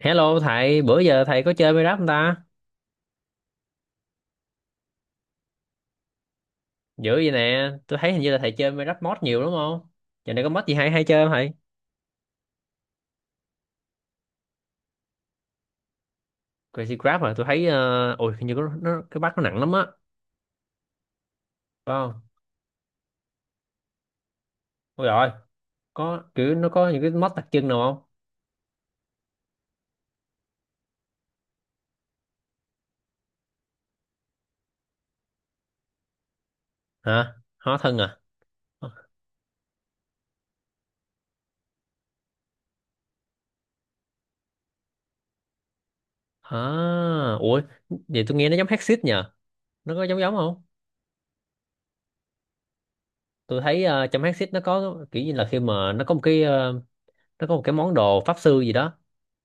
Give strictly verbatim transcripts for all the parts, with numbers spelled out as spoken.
Hello thầy, bữa giờ thầy có chơi Minecraft không ta? Dữ vậy nè, tôi thấy hình như là thầy chơi Minecraft mod nhiều đúng không? Giờ này có mod gì hay hay chơi không thầy? Crazy Craft mà tôi thấy, ờ, ôi hình như có, nó, cái bắt nó nặng lắm á, phải không? Ôi rồi, có kiểu nó có những cái mod đặc trưng nào không? Hả? Hóa thân à? À, ủa, vậy tôi nghe nó giống Hexit nhờ, nó có giống giống không? Tôi thấy ờ, trong Hexit nó có kiểu như là khi mà nó có một cái ờ, nó có một cái món đồ pháp sư gì đó,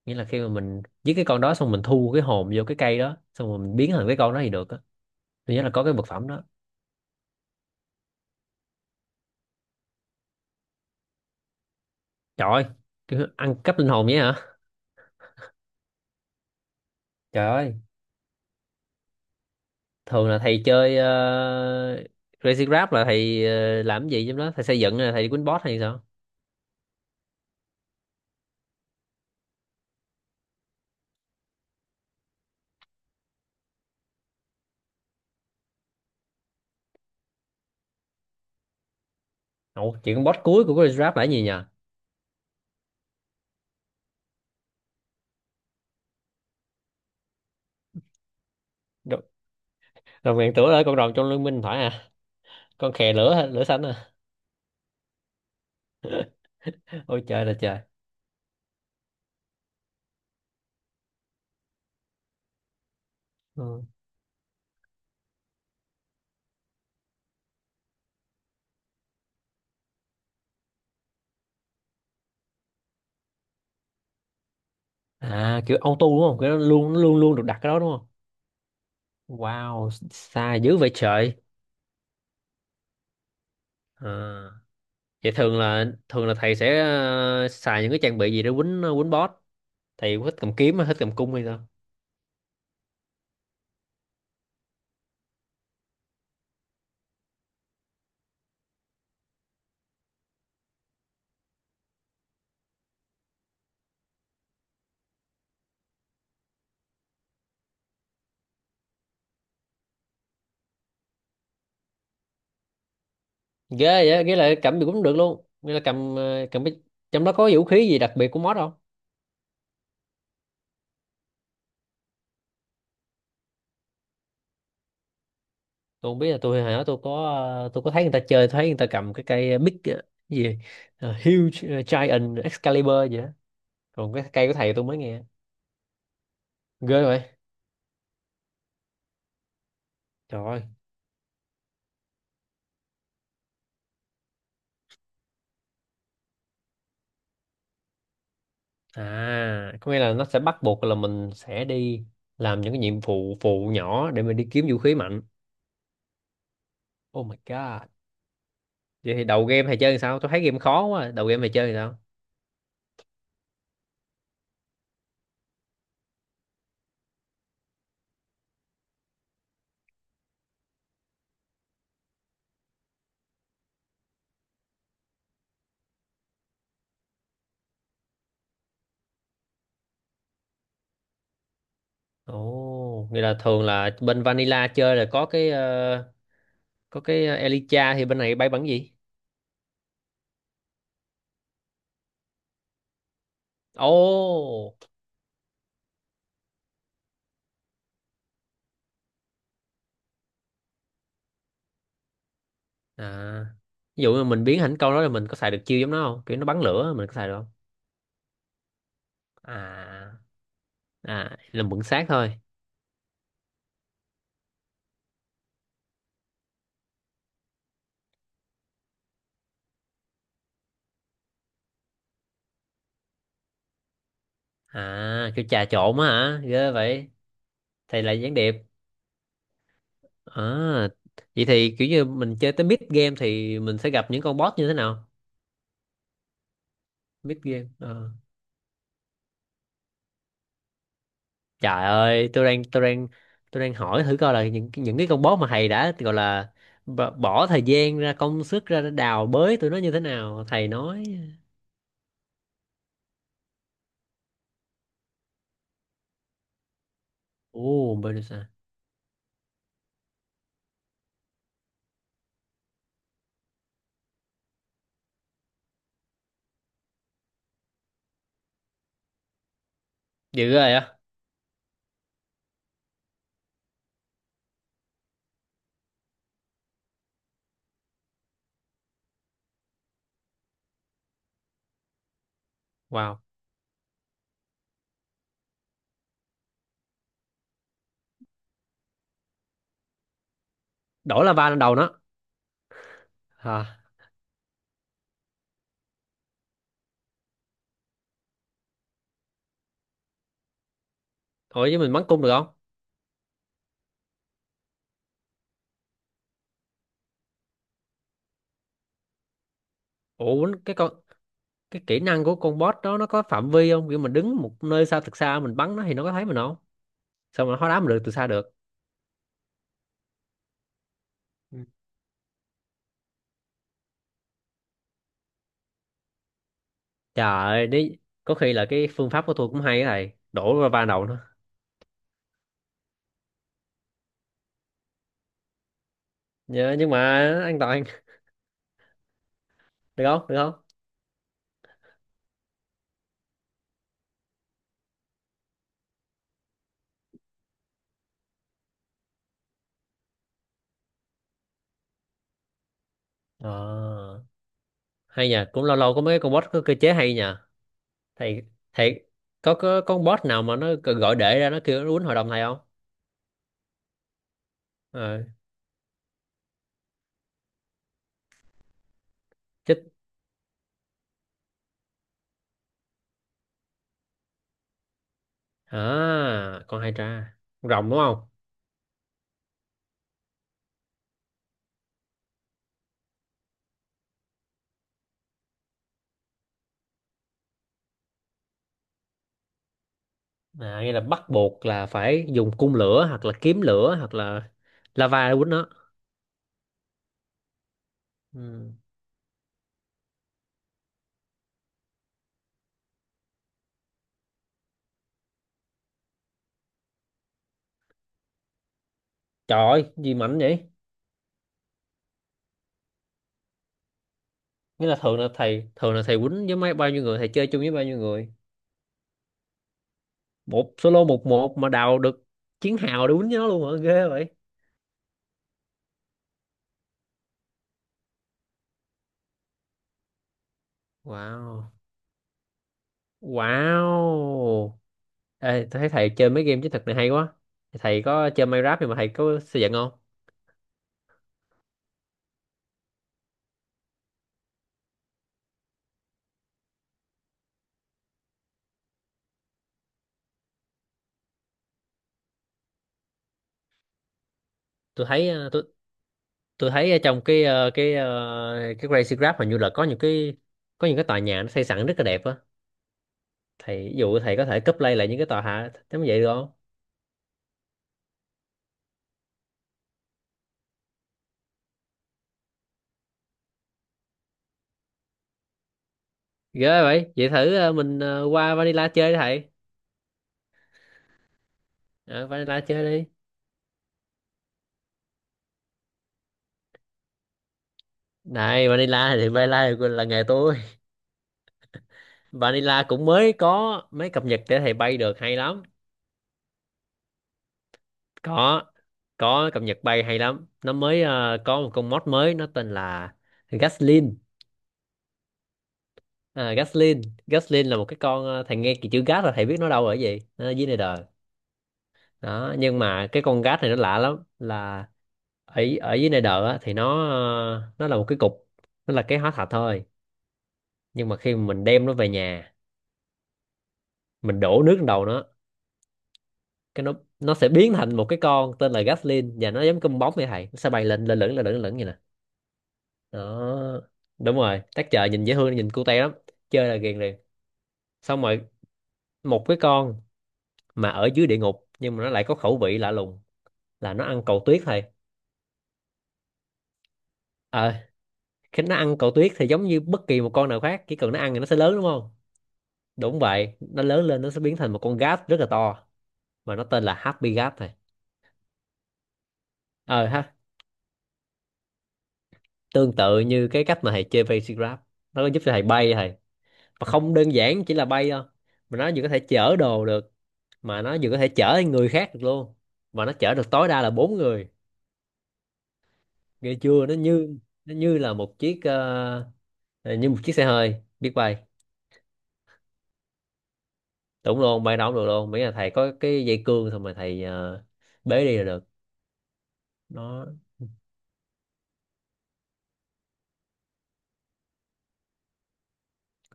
nghĩa là khi mà mình giết cái con đó xong mình thu cái hồn vô cái cây đó xong rồi mình biến thành cái con đó thì được á, thứ nhất là có cái vật phẩm đó. Trời ơi, cái ăn cắp linh hồn vậy hả? Trời ơi. Thường là thầy chơi uh, Crazy Grab là thầy ờ, làm cái gì trong đó, thầy xây dựng là thầy quýnh boss hay sao? Ồ, chuyện con boss cuối của Crazy Grab là cái gì nhờ? Đồ- đồng ngàn tửa là con rồng trong liên minh phải à? Con khè lửa hả? Lửa xanh à? Ôi trời là trời. Ừ. À, kiểu auto đúng không, cái đó luôn nó luôn luôn được đặt, cái đó đúng không? Wow, xa dữ vậy trời. À. Vậy thường là thường là thầy sẽ ờ, xài những cái trang bị gì để quýnh ờ, quýnh boss? Thầy thích cầm kiếm hay thích cầm cung hay sao? Ghê vậy, ghê là cầm gì cũng được luôn. Nghĩa là cầm ờ, cầm cái trong đó có vũ khí gì đặc biệt của boss không? Tôi không biết là tôi hả, tôi có ờ, tôi có thấy người ta chơi, thấy người ta cầm cái cây ờ, big ờ, cái gì? Ờ, huge ờ, giant Excalibur gì đó. Còn cái cây của thầy tôi mới nghe. Ghê vậy. Trời ơi. À, có nghĩa là nó sẽ bắt buộc là mình sẽ đi làm những cái nhiệm vụ phụ nhỏ để mình đi kiếm vũ khí mạnh. Oh my god. Vậy thì đầu game thầy chơi làm sao? Tôi thấy game khó quá. Đầu game thầy chơi làm sao? Ồ, nghĩa là thường là bên Vanilla chơi là có cái ờ, có cái Elytra thì bên này bay bắn gì? Ồ. À. Ví dụ như mình biến thành câu đó là mình có xài được chiêu giống nó không? Kiểu nó bắn lửa mình có xài được không? À. À, là mượn xác thôi. À, kiểu trà trộn á hả? Ghê vậy. Thầy là gián điệp. À, vậy thì kiểu như mình chơi tới mid game thì mình sẽ gặp những con boss như thế nào? Mid game. À. Trời ơi, tôi đang tôi đang tôi đang hỏi thử coi là những những cái con boss mà thầy đã gọi là b- bỏ thời gian ra công sức ra để đào bới tụi nó như thế nào, thầy nói. Ồ, Medusa. Dữ rồi á. Wow. Đổ lava lên đầu nó. Hả? Ủa chứ mình bắn cung được không? Ủa quýnh, cái con cái kỹ năng của con boss đó nó có phạm vi không? Kiểu mình đứng một nơi xa thật xa mình bắn nó thì nó có thấy mình không? Sao mà hóa đá mình được từ xa được? Ừ. Trời ơi, đấy có khi là cái phương pháp của tôi cũng hay á thầy. Đổ lava lên đầu nó. Nhớ- Nhưng mà an toàn được không được không? Ờ, hay nhờ, cũng lâu lâu có mấy cái con bot có cơ chế hay nhờ thầy, thầy có có con bot nào mà nó gọi để ra nó kêu nó quýnh hội đồng thầy không? Ờ, chích, à con hay tra. Con rồng đúng không? À nghĩa là bắt buộc là phải dùng cung lửa hoặc là kiếm lửa hoặc là lava để quýnh nó. Ừ. Trời ơi gì mạnh vậy. Nghĩa là thường là thầy thường là thầy quýnh với mấy bao nhiêu người, thầy chơi chung với bao nhiêu người? Một solo một một mà đào được chiến hào để quýnh với nó luôn hả, ghê vậy. Wow. Wow. Ê, tôi thấy thầy chơi mấy game chiến thuật này hay quá. Thầy có chơi Minecraft nhưng mà thầy có xây dựng không? Tôi thấy ờ, tôi tôi thấy ở trong cái ờ, cái ờ, cái Crazy Graph hình như là có những cái có những cái tòa nhà nó xây sẵn rất là đẹp á. Thầy ví dụ thầy có thể copy lại những cái tòa hạ giống vậy được không? Ghê vậy. Vậy thử ờ, mình ờ, qua Vanilla chơi đi thầy. Ờ, Vanilla chơi đi. Này Vanilla thì Vanilla là nghề tôi. Vanilla cũng mới có mấy cập nhật để thầy bay được hay lắm. có có cập nhật bay hay lắm, nó mới ờ, có một con mod mới nó tên là Gaslin. À, Gaslin. Gaslin là một cái con ờ, thầy nghe cái chữ gas là thầy biết nó đâu ở gì, nó ở dưới này đời đó. Nhưng mà cái con gas này nó lạ lắm là ở ở dưới này đời á, thì nó ờ, nó là một cái cục, nó là cái hóa thạch thôi. Nhưng mà khi mà mình đem nó về nhà mình đổ nước lên đầu nó cái nó nó sẽ biến thành một cái con tên là Gaslin, và nó giống cơm bóng vậy thầy, nó sẽ bay lên, lên lửng lên lửng lên lửng vậy nè. Đó, đúng rồi, tác chợ nhìn dễ thương nhìn cute lắm, chơi là ghiền liền. Xong rồi một cái con mà ở dưới địa ngục nhưng mà nó lại có khẩu vị lạ lùng là nó ăn cầu tuyết thầy. Ờ, khi nó ăn cầu tuyết thì giống như bất kỳ một con nào khác, chỉ cần nó ăn thì nó sẽ lớn đúng không. Đúng vậy, nó lớn lên nó sẽ biến thành một con gat rất là to, mà nó tên là Happy Gat thầy. Ờ ha, tương tự như cái cách mà thầy chơi Basic Grab, nó có giúp cho thầy bay thầy, mà không đơn giản chỉ là bay đâu, mà nó vừa có thể chở đồ được, mà nó vừa có thể chở người khác được luôn, mà nó chở được tối đa là bốn người. Nghe chưa, nó như nó như là một chiếc ờ, ờ, như một chiếc xe hơi biết bay. Đúng luôn, bay đâu cũng được luôn, miễn là thầy có cái dây cương xong rồi thầy ờ, bế đi là được. Nó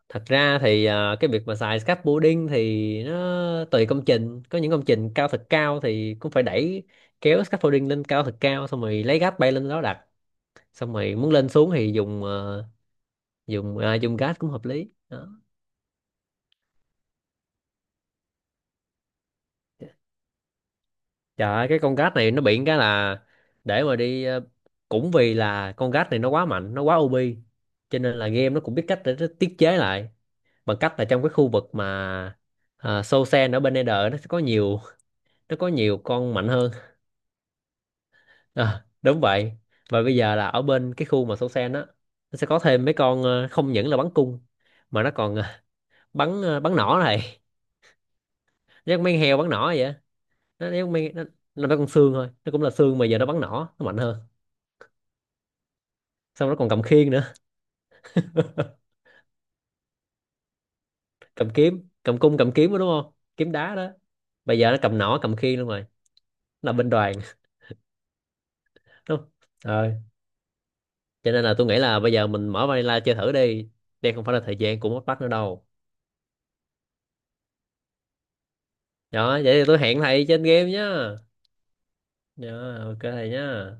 thật ra thì à, cái việc mà xài scaffolding thì nó tùy công trình, có những công trình cao thật cao thì cũng phải đẩy, kéo scaffolding lên cao thật cao xong rồi lấy gác bay lên đó đặt, xong rồi muốn lên xuống thì dùng ờ, dùng à, dùng gác cũng hợp lý đó. Trời ơi, cái con gát này nó bị cái là để mà đi ờ, cũng vì là con gát này nó quá mạnh, nó quá o pi, cho nên là game nó cũng biết cách để nó tiết chế lại bằng cách là trong cái khu vực mà uh, Soul Sand ở bên Ender nó sẽ có nhiều nó có nhiều con mạnh hơn. Ờ, đúng vậy. Và bây giờ là ở bên cái khu mà Soul Sand á, nó sẽ có thêm mấy con ờ, không những là bắn cung, mà nó còn ờ, bắn ờ, bắn nỏ này. Nó giống mấy con heo bắn nỏ vậy á. Nó giống mấy nó, nó, nó con xương thôi, nó cũng là xương mà giờ nó bắn nỏ, nó mạnh hơn. Xong nó còn cầm khiên nữa. Cầm kiếm cầm cung, cầm kiếm đó đúng không, kiếm đá đó, bây giờ nó cầm nỏ cầm khiên luôn rồi, nó là binh đoàn. Đúng không? Rồi, cho nên là tôi nghĩ là bây giờ mình mở Vanilla chơi thử đi, đây không phải là thời gian của mất bắt nữa đâu đó. Vậy thì tôi hẹn thầy trên game nhá. Dạ, ok thầy nhá.